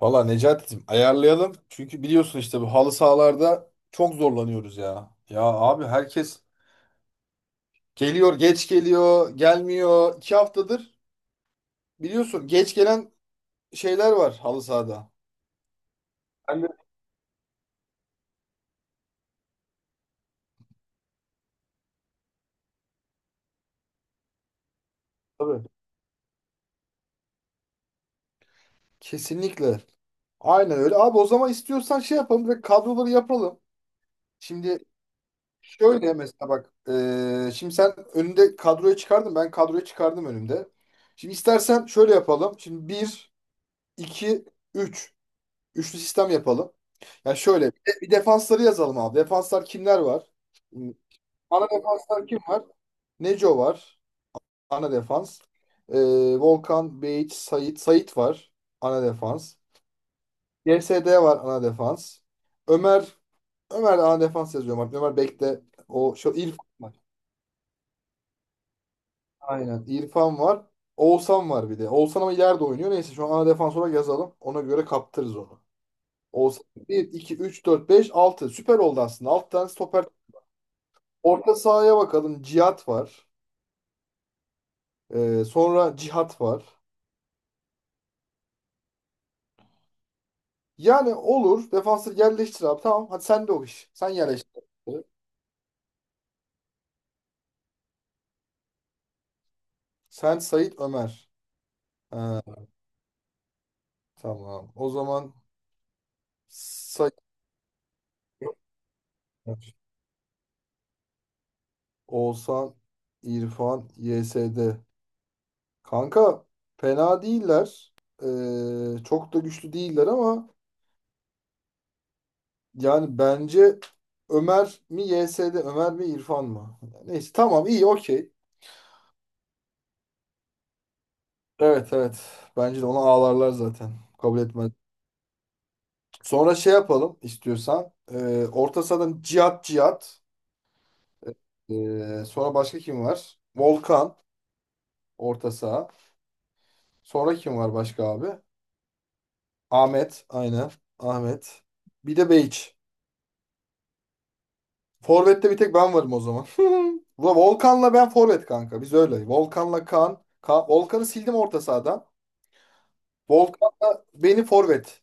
Valla Necati'cim ayarlayalım. Çünkü biliyorsun işte bu halı sahalarda çok zorlanıyoruz ya. Ya abi herkes geliyor, geç geliyor, gelmiyor. 2 haftadır biliyorsun geç gelen şeyler var halı sahada. Ben de- Tabii. Kesinlikle. Aynen öyle. Abi o zaman istiyorsan şey yapalım ve kadroları yapalım. Şimdi şöyle mesela bak. Şimdi sen önünde kadroyu çıkardın. Ben kadroyu çıkardım önümde. Şimdi istersen şöyle yapalım. Şimdi bir 2 3. Üçlü sistem yapalım. Ya şöyle bir defansları yazalım abi. Defanslar kimler var? Hmm. Ana defanslar kim var? Neco var. Ana defans. Ee, Volkan, Beyiç, Sait. Sait var. Ana defans. GSD var ana defans. Ömer Ömer de ana defans yazıyorum artık. Ömer bekle. O şu İrfan var. Aynen. İrfan var. Oğuzhan var bir de. Oğuzhan ama ileride oynuyor. Neyse şu an ana defans olarak yazalım. Ona göre kaptırırız onu. Olsa bir 2 3 4 5 altı. Süper oldu aslında. 6 tane stoper. Orta sahaya bakalım. Cihat var. Sonra Cihat var. Yani olur. Defansı yerleştir abi. Tamam. Hadi sen de o iş. Sen yerleştir. Sen Sait Ömer. Ha, tamam. O zaman Sait Ömer. Oğuzhan, İrfan, YSD. Kanka fena değiller. Çok da güçlü değiller ama yani bence Ömer mi YS'de Ömer mi İrfan mı? Neyse tamam iyi okey. Evet evet. Bence de ona ağlarlar zaten. Kabul etmez. Sonra şey yapalım istiyorsan. Orta sahadan Cihat Cihat. Sonra başka kim var? Volkan orta saha. Sonra kim var başka abi? Ahmet aynen. Ahmet. Bir de Beyç. Forvet'te bir tek ben varım o zaman. Ulan Volkan'la ben forvet kanka. Biz öyle. Volkan'la Kaan. Ka Volkan'ı sildim orta sahadan. Volkan'la beni forvet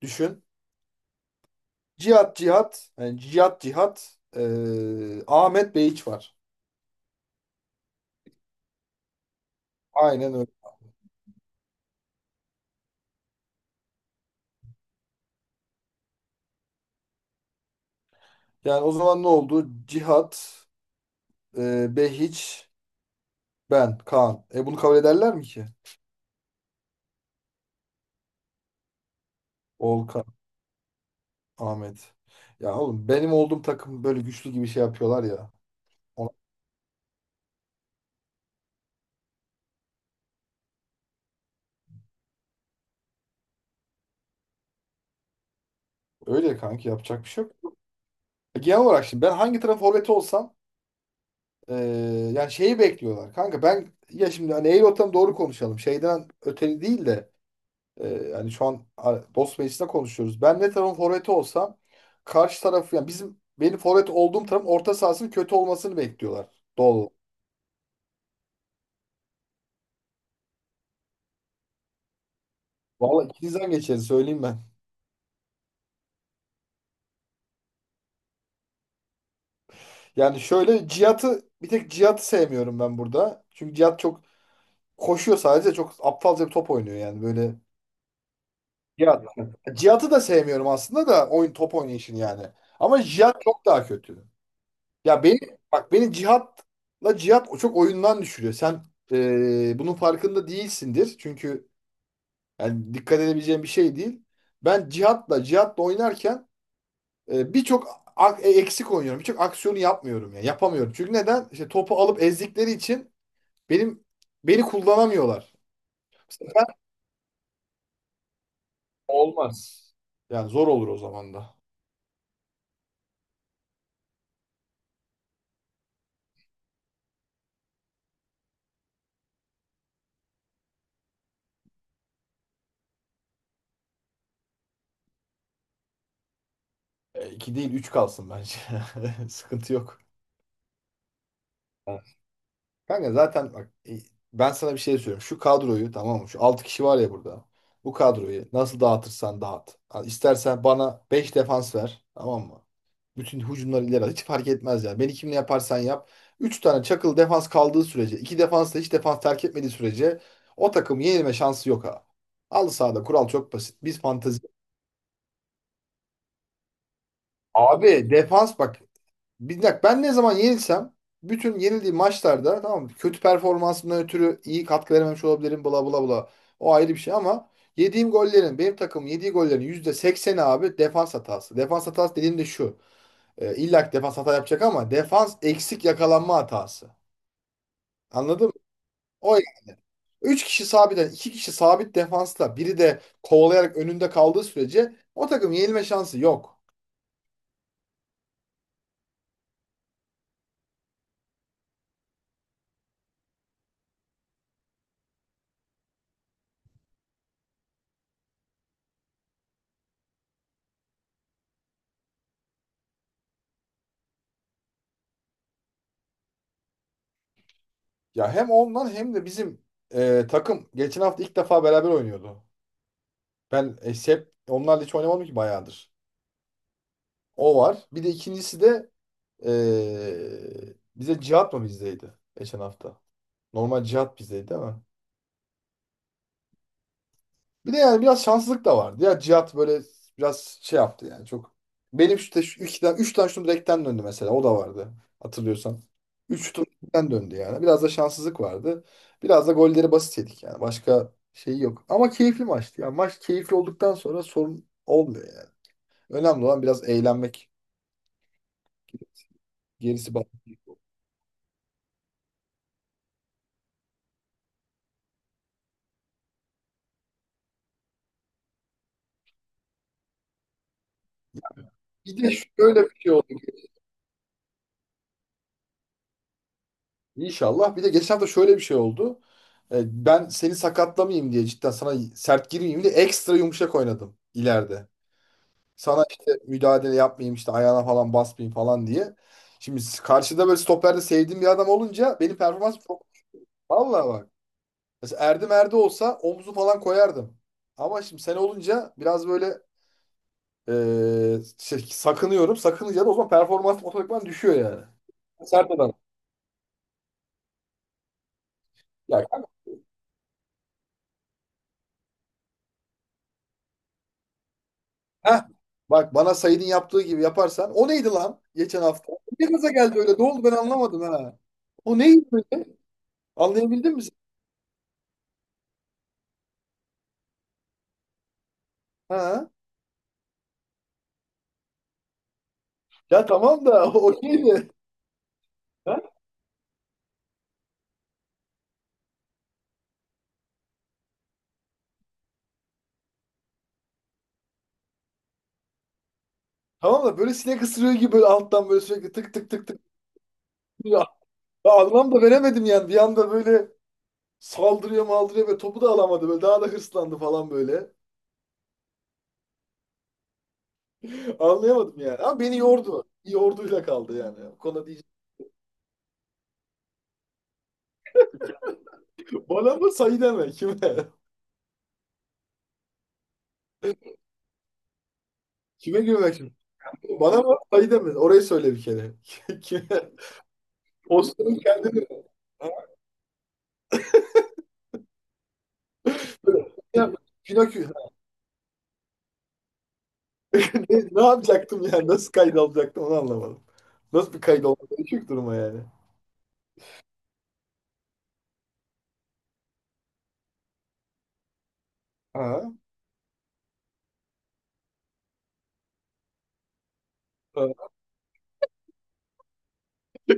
düşün. Cihat Cihat, yani Cihat Cihat, Ahmet Behiç var. Aynen öyle. Yani o zaman ne oldu? Cihat, Behiç, ben, Kaan. E bunu kabul ederler mi ki? Volkan, Ahmet. Ya oğlum benim olduğum takım böyle güçlü gibi şey yapıyorlar ya. Ona- Öyle kanki yapacak bir şey yok. E, genel olarak şimdi ben hangi taraf forveti olsam eee, yani şeyi bekliyorlar. Kanka ben ya şimdi hani eğil ortam doğru konuşalım. Şeyden öteli değil de yani şu an dost meclisinde konuşuyoruz. Ben ne tarafın forveti olsam karşı tarafı yani benim forvet olduğum tarafın orta sahasının kötü olmasını bekliyorlar. Doğal olarak. Vallahi ikinizden geçeriz söyleyeyim ben. Yani şöyle Cihat'ı bir tek Cihat'ı sevmiyorum ben burada. Çünkü Cihat çok koşuyor sadece çok aptalca bir top oynuyor yani böyle. Cihat. Cihat'ı da sevmiyorum aslında da oyun top oynayışını yani. Ama Cihat çok daha kötü. Ya beni Bak beni cihatla cihat o çok oyundan düşürüyor. Sen bunun farkında değilsindir. Çünkü yani dikkat edebileceğim bir şey değil. Ben cihatla cihatla oynarken birçok eksik oynuyorum. Birçok aksiyonu yapmıyorum ya. Yapamıyorum. Çünkü neden? İşte topu alıp ezdikleri için benim beni kullanamıyorlar. Mesela ben- Olmaz. Yani zor olur o zaman da. E, iki değil üç kalsın bence. Sıkıntı yok. Kanka zaten bak ben sana bir şey söylüyorum. Şu kadroyu tamam mı? Şu 6 kişi var ya burada. Bu kadroyu nasıl dağıtırsan dağıt. Ha, İstersen bana 5 defans ver. Tamam mı? Bütün hücumları ileri at. Hiç fark etmez yani. Beni kimle yaparsan yap. 3 tane çakıl defans kaldığı sürece, 2 defans da hiç defans terk etmediği sürece o takım yenilme şansı yok ha. Al sahada kural çok basit. Biz fantezi. Abi defans bak. Bir dakika ben ne zaman yenilsem bütün yenildiğim maçlarda tamam mı? Kötü performansımdan ötürü iyi katkı verememiş olabilirim bla bla bla. O ayrı bir şey ama yediğim gollerin benim takım yediği gollerin %80'i abi defans hatası. Defans hatası dediğim de şu. E, illa ki defans hata yapacak ama defans eksik yakalanma hatası. Anladın mı? O 3 kişi sabiten 2 kişi sabit defansla biri de kovalayarak önünde kaldığı sürece o takım yenilme şansı yok. Ya hem ondan hem de bizim takım geçen hafta ilk defa beraber oynuyordu. Ben hep onlarla hiç oynamadım ki bayağıdır. O var. Bir de ikincisi de bize Cihat mı bizdeydi geçen hafta? Normal Cihat bizdeydi ama. Bir de yani biraz şanssızlık da vardı. Ya Cihat böyle biraz şey yaptı yani çok. Benim işte şu iki tane, üç tane şutum direkten döndü mesela. O da vardı hatırlıyorsan. Üç şutum direkten döndü yani. Biraz da şanssızlık vardı. Biraz da golleri basit yedik yani. Başka şey yok. Ama keyifli maçtı. Yani maç keyifli olduktan sonra sorun olmuyor yani. Önemli olan biraz eğlenmek. Gerisi bak. Bir de şöyle bir şey oldu. İnşallah. Bir de geçen hafta şöyle bir şey oldu. Ben seni sakatlamayayım diye cidden sana sert girmeyeyim diye ekstra yumuşak oynadım ileride. Sana işte müdahale yapmayayım işte ayağına falan basmayayım falan diye. Şimdi karşıda böyle stoperde sevdiğim bir adam olunca benim performans çok... Vallahi bak. Mesela Erdem Erde olsa omuzu falan koyardım. Ama şimdi sen olunca biraz böyle e, sakınıyorum. Sakınınca da o zaman performans otomatikman düşüyor yani. Sert adam. Ya heh, bak bana Said'in yaptığı gibi yaparsan. O neydi lan geçen hafta? Ne gaza geldi öyle? Ne oldu ben anlamadım ha. O neydi böyle? Anlayabildin mi sen? Ha? Ya tamam da o neydi? Ha? Tamam da böyle sinek ısırıyor gibi böyle alttan böyle sürekli tık tık tık tık. Ya, ya anlam da veremedim yani. Bir anda böyle saldırıyor maldırıyor ve topu da alamadı. Böyle daha da hırslandı falan böyle. Anlayamadım yani. Ama beni yordu. Yorduyla kaldı yani. O konuda diyeceğim. Bana mı Said'e mi? Kime? Kime güvenmek şimdi? Bana bak ayı demedi. Orayı söyle bir kere. Kime? Osman'ın kendini. Ha, böyle. Ya, Pinokyo. Ne, ne yapacaktım yani? Nasıl kayıt alacaktım onu anlamadım. Nasıl bir kayıt olmadı? Düşük duruma yani. Ha. Ha.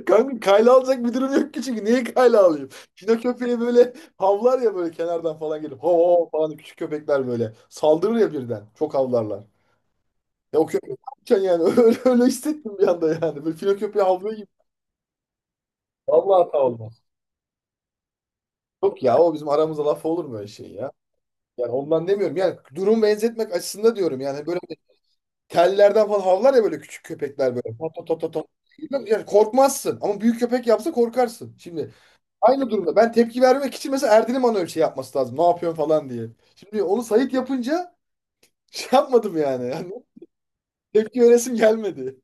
Kanka kayla alacak bir durum yok ki çünkü. Niye kayla alayım? Pino köpeği böyle havlar ya böyle kenardan falan gelip. Ho ho falan küçük köpekler böyle. Saldırır ya birden. Çok havlarlar. Ya o köpek ne yapacaksın yani? Öyle, öyle hissettim bir anda yani. Böyle Pino köpeği havlıyor gibi. Vallahi hata oldu. Yok ya o bizim aramızda laf olur mu öyle şey ya? Yani ondan demiyorum. Yani durum benzetmek açısında diyorum. Yani böyle tellerden falan havlar ya böyle küçük köpekler böyle. Tot tot tot tot. Tot. Yani korkmazsın ama büyük köpek yapsa korkarsın. Şimdi aynı durumda ben tepki vermek için mesela Erdin'in bana öyle şey yapması lazım. Ne yapıyorsun falan diye. Şimdi onu Sait yapınca şey yapmadım yani. Yani tepki veresim gelmedi.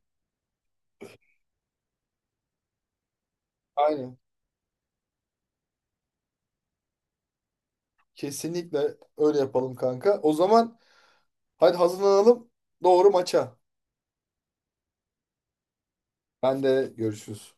Aynen. Kesinlikle öyle yapalım kanka. O zaman hadi hazırlanalım. Doğru maça. Ben de görüşürüz.